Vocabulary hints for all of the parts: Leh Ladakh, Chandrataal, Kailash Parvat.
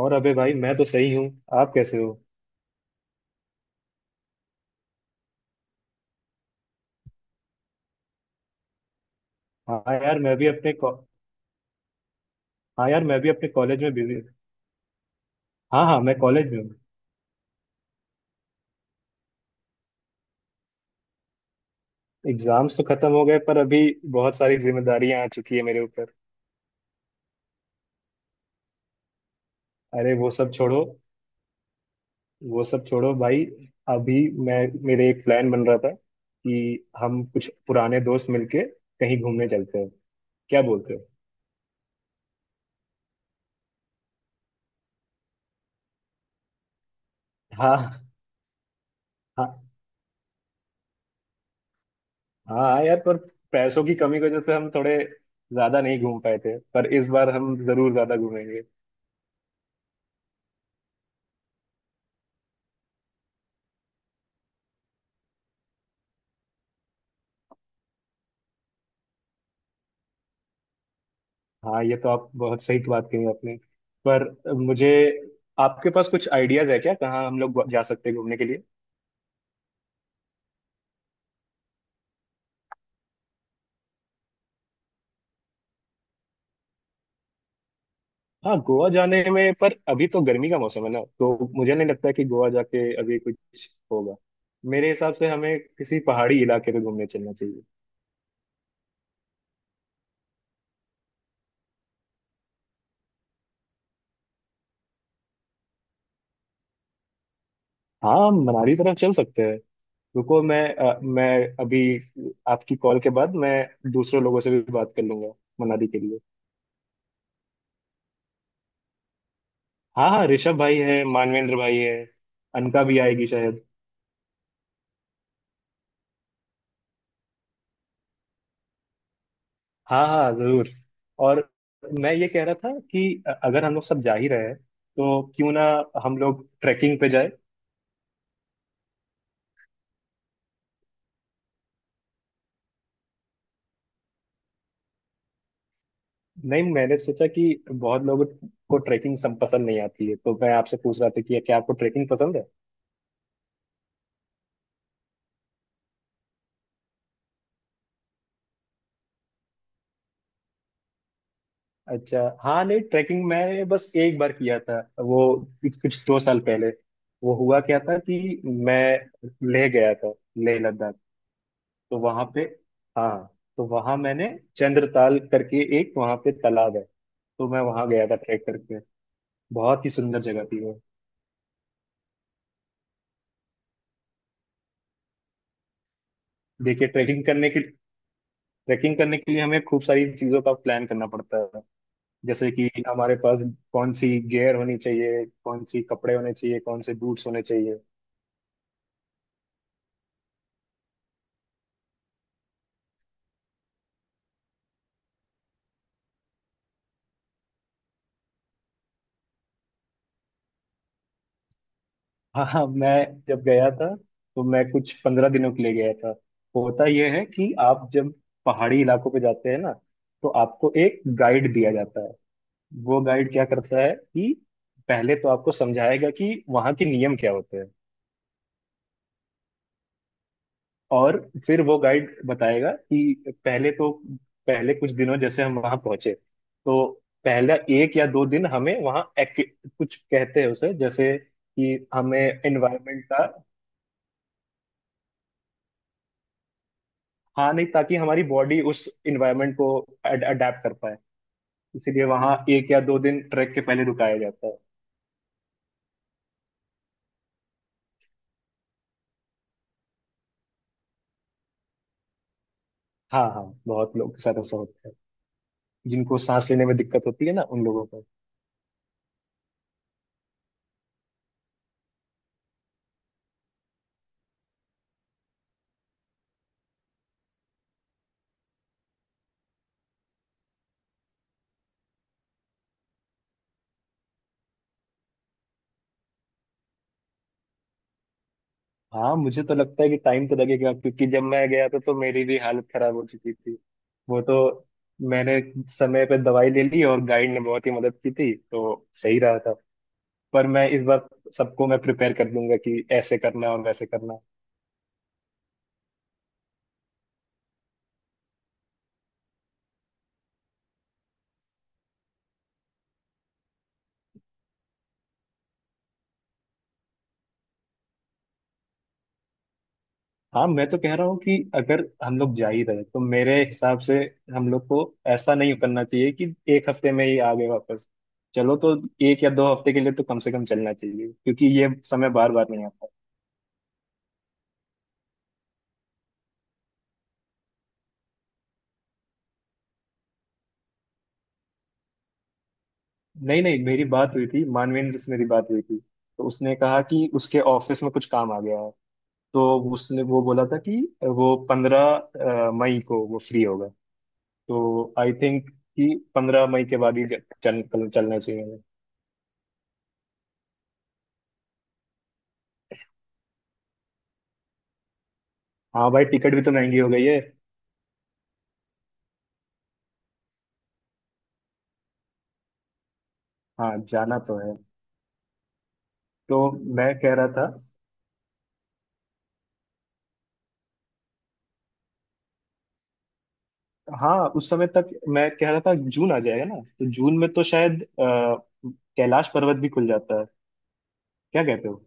और अबे भाई मैं तो सही हूँ। आप कैसे हो। हाँ यार मैं भी अपने कॉ- हाँ यार मैं भी अपने कॉलेज में बिजी। हाँ हाँ मैं कॉलेज में हूँ। एग्जाम्स तो खत्म हो गए पर अभी बहुत सारी जिम्मेदारियां आ चुकी है मेरे ऊपर। अरे वो सब छोड़ो। वो सब छोड़ो भाई। अभी मैं मेरे एक प्लान बन रहा था कि हम कुछ पुराने दोस्त मिलके कहीं घूमने चलते हैं। क्या बोलते हो। हाँ। हाँ। हाँ यार पर पैसों की कमी की वजह से हम थोड़े ज्यादा नहीं घूम पाए थे, पर इस बार हम जरूर ज्यादा घूमेंगे। हाँ, ये तो आप बहुत सही बात कही आपने। पर मुझे आपके पास कुछ आइडियाज है क्या, कहाँ हम लोग जा सकते हैं घूमने के लिए। हाँ, गोवा जाने में पर अभी तो गर्मी का मौसम है ना, तो मुझे नहीं लगता कि गोवा जाके अभी कुछ होगा। मेरे हिसाब से हमें किसी पहाड़ी इलाके पे घूमने चलना चाहिए। हाँ, हम मनाली तरफ चल सकते हैं। रुको मैं अभी आपकी कॉल के बाद मैं दूसरे लोगों से भी बात कर लूंगा मनाली के लिए। हाँ हाँ, ऋषभ भाई है, मानवेंद्र भाई है। अनका भी आएगी शायद। हाँ हाँ जरूर। और मैं ये कह रहा था कि अगर हम लोग सब जा ही रहे हैं तो क्यों ना हम लोग ट्रैकिंग पे जाए। नहीं, मैंने सोचा कि बहुत लोगों को ट्रैकिंग सब पसंद नहीं आती है, तो मैं आपसे पूछ रहा था कि क्या आपको ट्रैकिंग पसंद है। अच्छा हाँ, नहीं ट्रैकिंग मैंने बस एक बार किया था, वो कुछ कुछ दो साल पहले। वो हुआ क्या था कि मैं ले गया था लेह लद्दाख। तो वहां पे, हाँ तो वहां मैंने चंद्रताल करके एक वहां पे तालाब है, तो मैं वहां गया था ट्रैक करके। बहुत ही सुंदर जगह थी वो। देखिए, ट्रैकिंग करने के लिए हमें खूब सारी चीजों का प्लान करना पड़ता है। जैसे कि हमारे पास कौन सी गियर होनी चाहिए, कौन सी कपड़े होने चाहिए, कौन से बूट्स होने चाहिए। हाँ हाँ, मैं जब गया था तो मैं कुछ 15 दिनों के लिए गया था। होता यह है कि आप जब पहाड़ी इलाकों पे जाते हैं ना, तो आपको एक गाइड दिया जाता है। वो गाइड क्या करता है कि पहले तो आपको समझाएगा कि वहाँ के नियम क्या होते हैं। और फिर वो गाइड बताएगा कि पहले कुछ दिनों जैसे हम वहाँ पहुंचे, तो पहला एक या दो दिन हमें वहाँ कुछ कहते हैं उसे, जैसे कि हमें एनवायरनमेंट का। हाँ नहीं, ताकि हमारी बॉडी उस एनवायरनमेंट को अडेप्ट कर पाए। इसीलिए वहाँ एक या दो दिन ट्रैक के पहले रुकाया जाता है। हाँ हाँ, बहुत लोग के साथ ऐसा होता है। जिनको सांस लेने में दिक्कत होती है ना, उन लोगों को। हाँ, मुझे तो लगता है कि टाइम तो लगेगा, क्योंकि जब मैं गया था तो मेरी भी हालत खराब हो चुकी थी। वो तो मैंने समय पे दवाई ले ली और गाइड ने बहुत ही मदद की थी, तो सही रहा था। पर मैं इस बार सबको मैं प्रिपेयर कर दूंगा कि ऐसे करना और वैसे करना। हाँ, मैं तो कह रहा हूँ कि अगर हम लोग जा ही रहे तो मेरे हिसाब से हम लोग को ऐसा नहीं करना चाहिए कि एक हफ्ते में ही आ गए वापस। चलो, तो एक या दो हफ्ते के लिए तो कम से कम चलना चाहिए, क्योंकि ये समय बार बार नहीं आता। नहीं नहीं, मेरी बात हुई थी। तो उसने कहा कि उसके ऑफिस में कुछ काम आ गया है। तो उसने वो बोला था कि वो पंद्रह मई को वो फ्री होगा। तो आई थिंक कि 15 मई के बाद ही चलना चाहिए हमें। हाँ भाई, टिकट भी तो महंगी हो गई है। हाँ जाना तो है। तो मैं कह रहा था, हाँ उस समय तक मैं कह रहा था जून आ जाएगा ना, तो जून में तो शायद कैलाश पर्वत भी खुल जाता है। क्या कहते हो।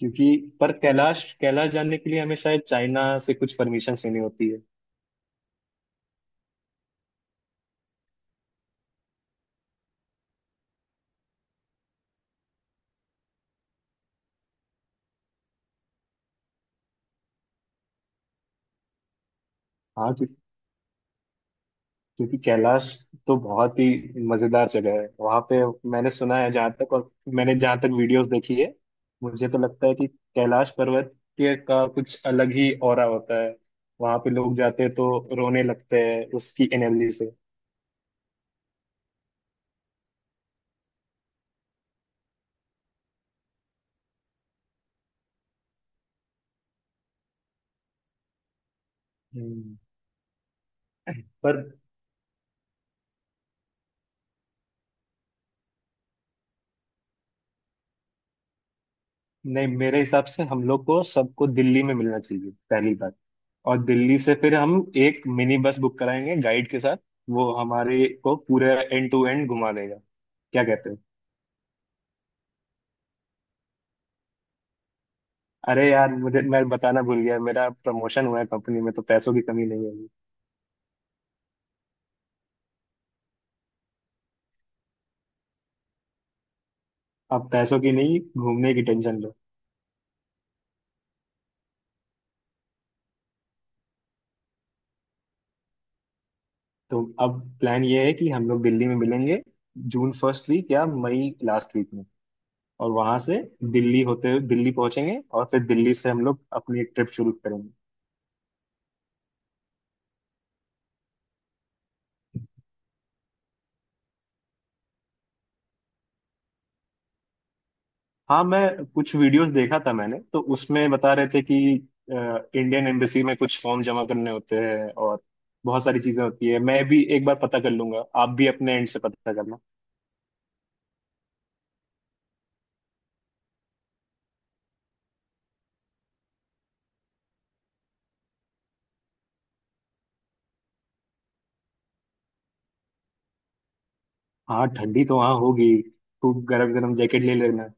क्योंकि पर कैलाश कैलाश जाने के लिए हमें शायद चाइना से कुछ परमिशन लेनी होती है। हाँ क्यों- क्योंकि कैलाश तो बहुत ही मजेदार जगह है वहां पे। मैंने सुना है जहाँ तक, और मैंने जहाँ तक वीडियोस देखी है, मुझे तो लगता है कि कैलाश पर्वत के का कुछ अलग ही ऑरा होता है। वहां पे लोग जाते हैं तो रोने लगते हैं उसकी एनर्जी से। हम्म। पर नहीं, मेरे हिसाब से हम लोग को सबको दिल्ली में मिलना चाहिए, पहली बात। और दिल्ली से फिर हम एक मिनी बस बुक कराएंगे गाइड के साथ। वो हमारे को पूरे एंड टू एंड घुमा देगा। क्या कहते हो। अरे यार, मुझे मैं बताना भूल गया, मेरा प्रमोशन हुआ है कंपनी में, तो पैसों की कमी नहीं होगी। अब पैसों की नहीं, घूमने की टेंशन लो। तो अब प्लान ये है कि हम लोग दिल्ली में मिलेंगे जून फर्स्ट वीक या मई लास्ट वीक में। और वहां से दिल्ली होते हुए दिल्ली पहुंचेंगे और फिर दिल्ली से हम लोग अपनी ट्रिप शुरू करेंगे। हाँ, मैं कुछ वीडियोस देखा था, मैंने तो उसमें बता रहे थे कि इंडियन एम्बेसी में कुछ फॉर्म जमा करने होते हैं, और बहुत सारी चीजें होती है। मैं भी एक बार पता कर लूंगा, आप भी अपने एंड से पता करना। हाँ, ठंडी तो वहाँ होगी, खूब गरम गरम जैकेट ले लेना।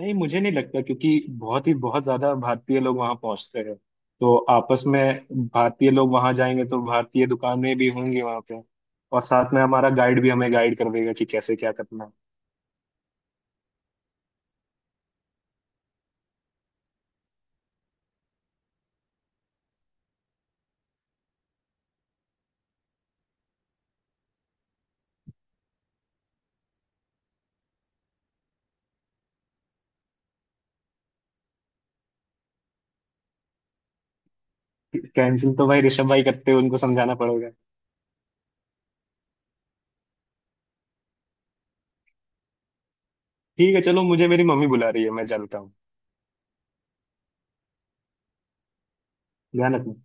नहीं, मुझे नहीं लगता, क्योंकि बहुत ही बहुत ज्यादा भारतीय लोग वहाँ पहुंचते हैं। तो आपस में भारतीय लोग वहाँ जाएंगे तो भारतीय दुकानें भी होंगी वहाँ पे। और साथ में हमारा गाइड भी हमें गाइड कर देगा कि कैसे क्या करना है। कैंसिल तो भाई ऋषभ भाई करते हैं, उनको समझाना पड़ेगा। ठीक है चलो, मुझे मेरी मम्मी बुला रही है, मैं चलता हूँ। ध्यान रखना।